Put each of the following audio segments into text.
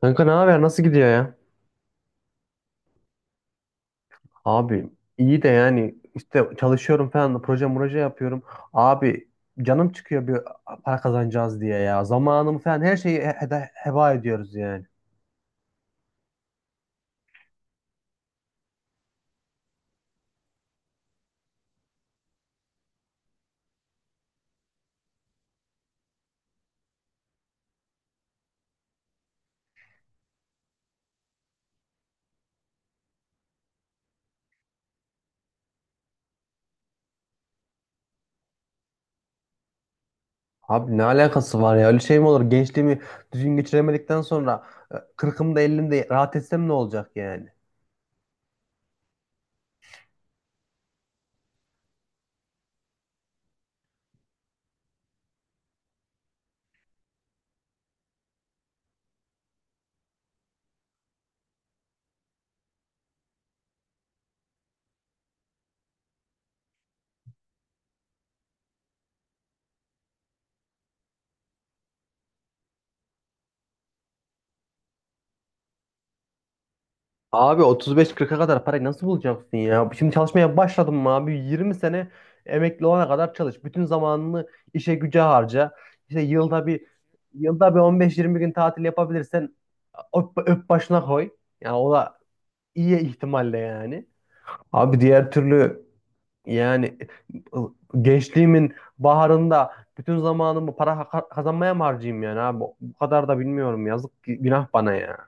Kanka ne haber? Nasıl gidiyor ya? Abi, iyi de yani işte çalışıyorum falan da proje proje yapıyorum. Abi, canım çıkıyor bir para kazanacağız diye ya. Zamanımı falan her şeyi heba ediyoruz yani. Abi, ne alakası var ya? Öyle şey mi olur? Gençliğimi düzgün geçiremedikten sonra kırkımda ellimde rahat etsem ne olacak yani? Abi, 35 kırka kadar parayı nasıl bulacaksın ya? Şimdi çalışmaya başladın mı abi? 20 sene emekli olana kadar çalış. Bütün zamanını işe güce harca. İşte yılda bir 15-20 gün tatil yapabilirsen öp, öp başına koy. Yani o da iyi ihtimalle yani. Abi, diğer türlü yani, ıı, gençliğimin baharında bütün zamanımı para kazanmaya mı harcayayım yani abi? Bu kadar da bilmiyorum. Yazık günah bana ya.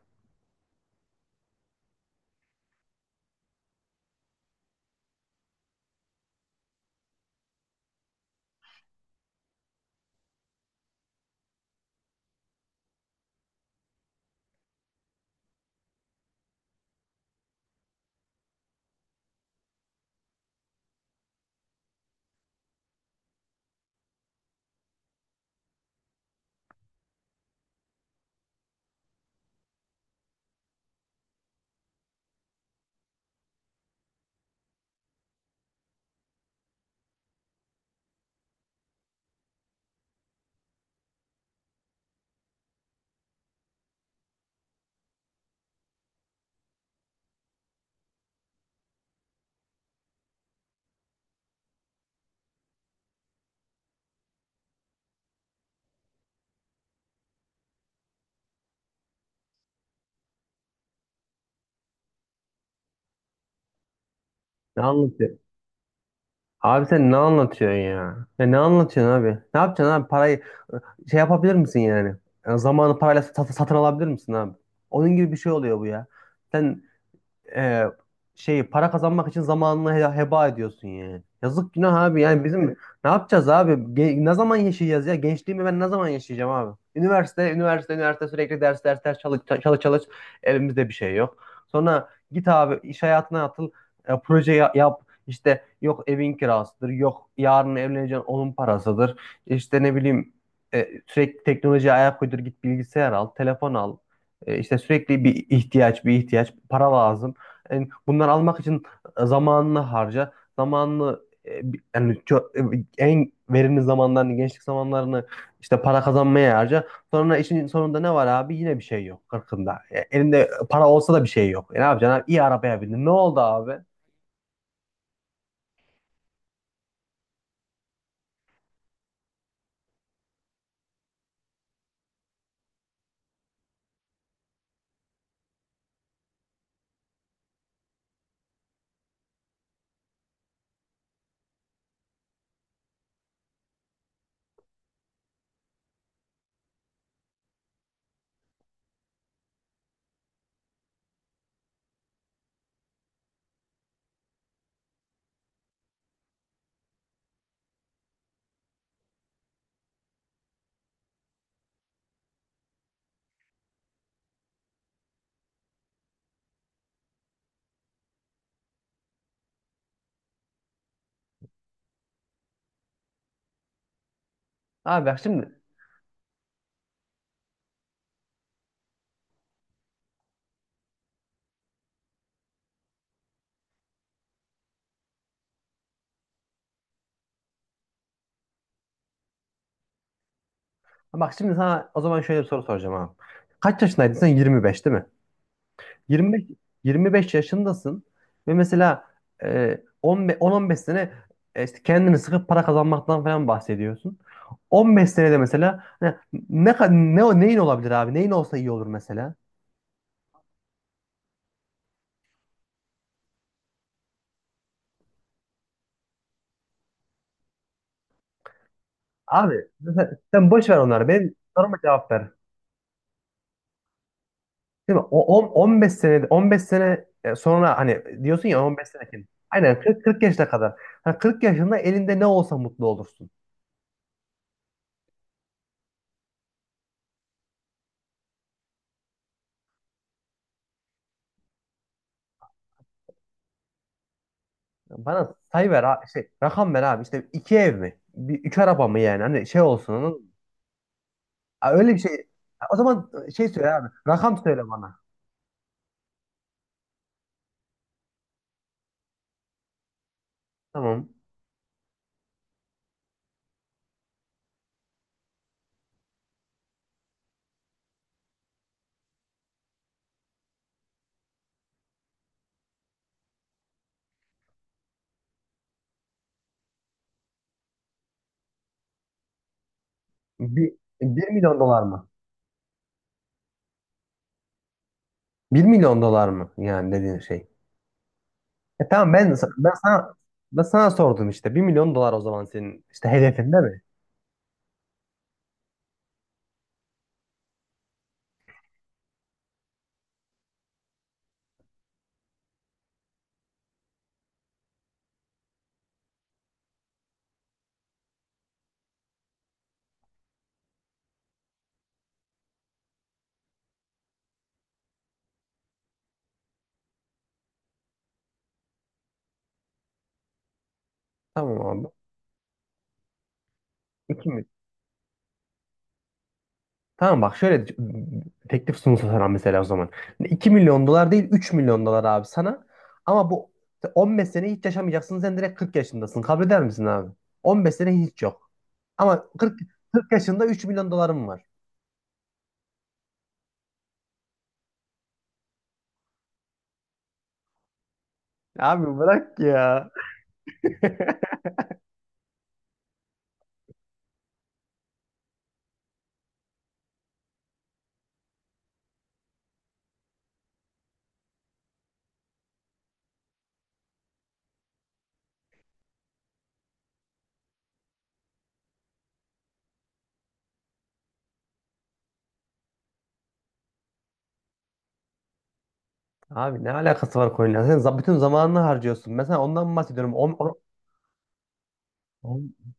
Ne anlatıyor? Abi, sen ne anlatıyorsun ya? Ya, ne anlatıyorsun abi? Ne yapacaksın abi? Parayı şey yapabilir misin yani? Yani zamanı parayla satın alabilir misin abi? Onun gibi bir şey oluyor bu ya. Sen, e, şeyi para kazanmak için zamanını heba ediyorsun yani. Yazık günah abi, yani bizim ne yapacağız abi? Ne zaman yaşayacağız ya? Gençliğimi ben ne zaman yaşayacağım abi? Üniversite, üniversite, üniversite, sürekli ders, ders, ders, çalış, çalış, çalış. Elimizde bir şey yok. Sonra git abi iş hayatına atıl, proje yap. İşte yok evin kirasıdır, yok yarın evleneceğin onun parasıdır. İşte ne bileyim, sürekli teknolojiye ayak uydur, git bilgisayar al, telefon al. İşte sürekli bir ihtiyaç, bir ihtiyaç, para lazım. Yani bunları almak için zamanını harca. Zamanını, yani en verimli zamanlarını, gençlik zamanlarını işte para kazanmaya harca. Sonra işin sonunda ne var abi? Yine bir şey yok 40'ında. Elinde para olsa da bir şey yok. Ne yapacaksın abi? İyi arabaya bindin. Ne oldu abi? Abi bak şimdi sana o zaman şöyle bir soru soracağım abi. Kaç yaşındaydın sen? 25 değil mi? 25 25 yaşındasın ve mesela, 10-15 sene, işte kendini sıkıp para kazanmaktan falan bahsediyorsun. 15 senede mesela hani ne ka- ne o- neyin olabilir abi? Neyin olsa iyi olur mesela? Abi sen boş ver onları. Benim soruma cevap ver. Değil mi? 15 senede, 15 sene, sonra hani diyorsun ya 15 sene kim? Aynen 40, 40 yaşına kadar. Hani 40 yaşında elinde ne olsa mutlu olursun. Bana sayı ver, rakam ver abi. İşte iki ev mi? Üç araba mı yani? Hani şey olsun, anladın mı? Ha, öyle bir şey. Ha, o zaman, şey söyle abi. Rakam söyle bana. Tamam. Bir, 1 milyon dolar mı? 1 milyon dolar mı? Yani dediğin şey. Tamam, ben sana ben sana sordum işte. 1 milyon dolar o zaman senin işte hedefin değil mi? Tamam abi. İki Tamam, bak şöyle teklif sunulsa sana mesela o zaman. 2 milyon dolar değil, 3 milyon dolar abi sana. Ama bu 15 sene hiç yaşamayacaksın. Sen direkt 40 yaşındasın. Kabul eder misin abi? 15 sene hiç yok. Ama kırk yaşında 3 milyon dolarım var. Abi bırak ya. Abi, ne alakası var konuyla? Sen, bütün zamanını harcıyorsun. Mesela ondan mı bahsediyorum. On-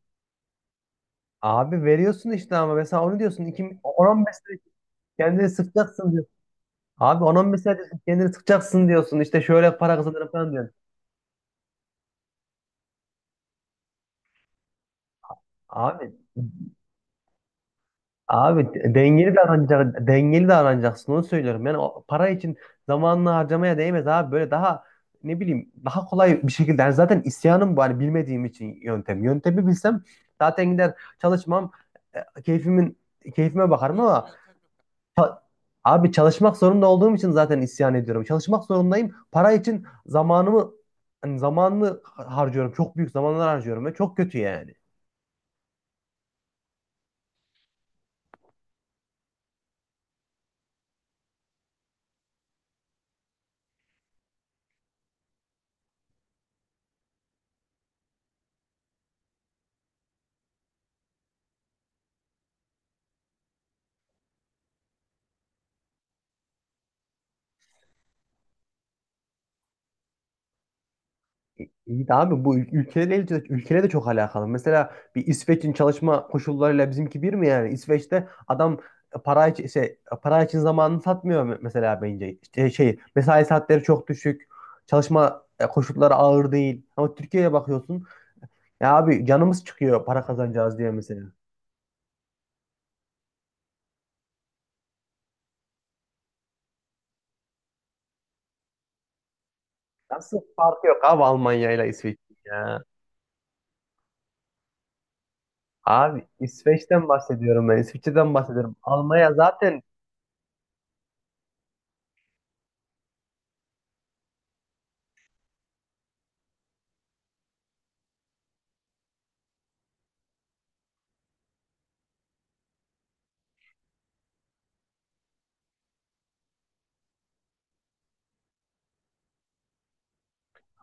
Abi veriyorsun işte, ama mesela onu diyorsun. 2, on 15 sene kendini sıkacaksın diyor. Abi, on 15 sene kendini sıkacaksın diyorsun. İşte şöyle para kazanırım falan diyorsun. Abi Abi, dengeli davranacaksın, onu söylüyorum. Yani o para için zamanını harcamaya değmez abi. Böyle daha ne bileyim, daha kolay bir şekilde. Yani zaten isyanım bu, hani bilmediğim için yöntem. Yöntemi bilsem zaten gider çalışmam, e, keyfimin keyfime bakarım, ama ça- abi çalışmak zorunda olduğum için zaten isyan ediyorum. Çalışmak zorundayım. Para için zamanımı hani zamanını harcıyorum. Çok büyük zamanlar harcıyorum ve çok kötü yani. İyi de abi, bu ülkelerle de çok alakalı. Mesela bir İsveç'in çalışma koşullarıyla bizimki bir mi yani? İsveç'te adam para için zamanını satmıyor, mesela bence. İşte şey, mesai saatleri çok düşük. Çalışma, koşulları ağır değil. Ama Türkiye'ye bakıyorsun. Ya abi, canımız çıkıyor para kazanacağız diye mesela. Nasıl farkı yok abi, Almanya ile İsveç ya. Abi, İsveç'ten bahsediyorum ben. İsviçre'den bahsediyorum. Almanya zaten.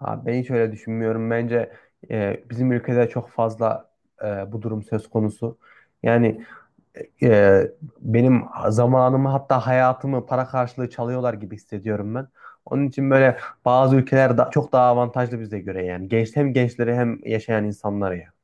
Abi, ben hiç öyle düşünmüyorum. Bence, bizim ülkede çok fazla, e, bu durum söz konusu. Yani, e, benim zamanımı, hatta hayatımı para karşılığı çalıyorlar gibi hissediyorum ben. Onun için böyle bazı ülkeler da, çok daha avantajlı bize göre yani. Hem gençleri hem yaşayan insanları ya.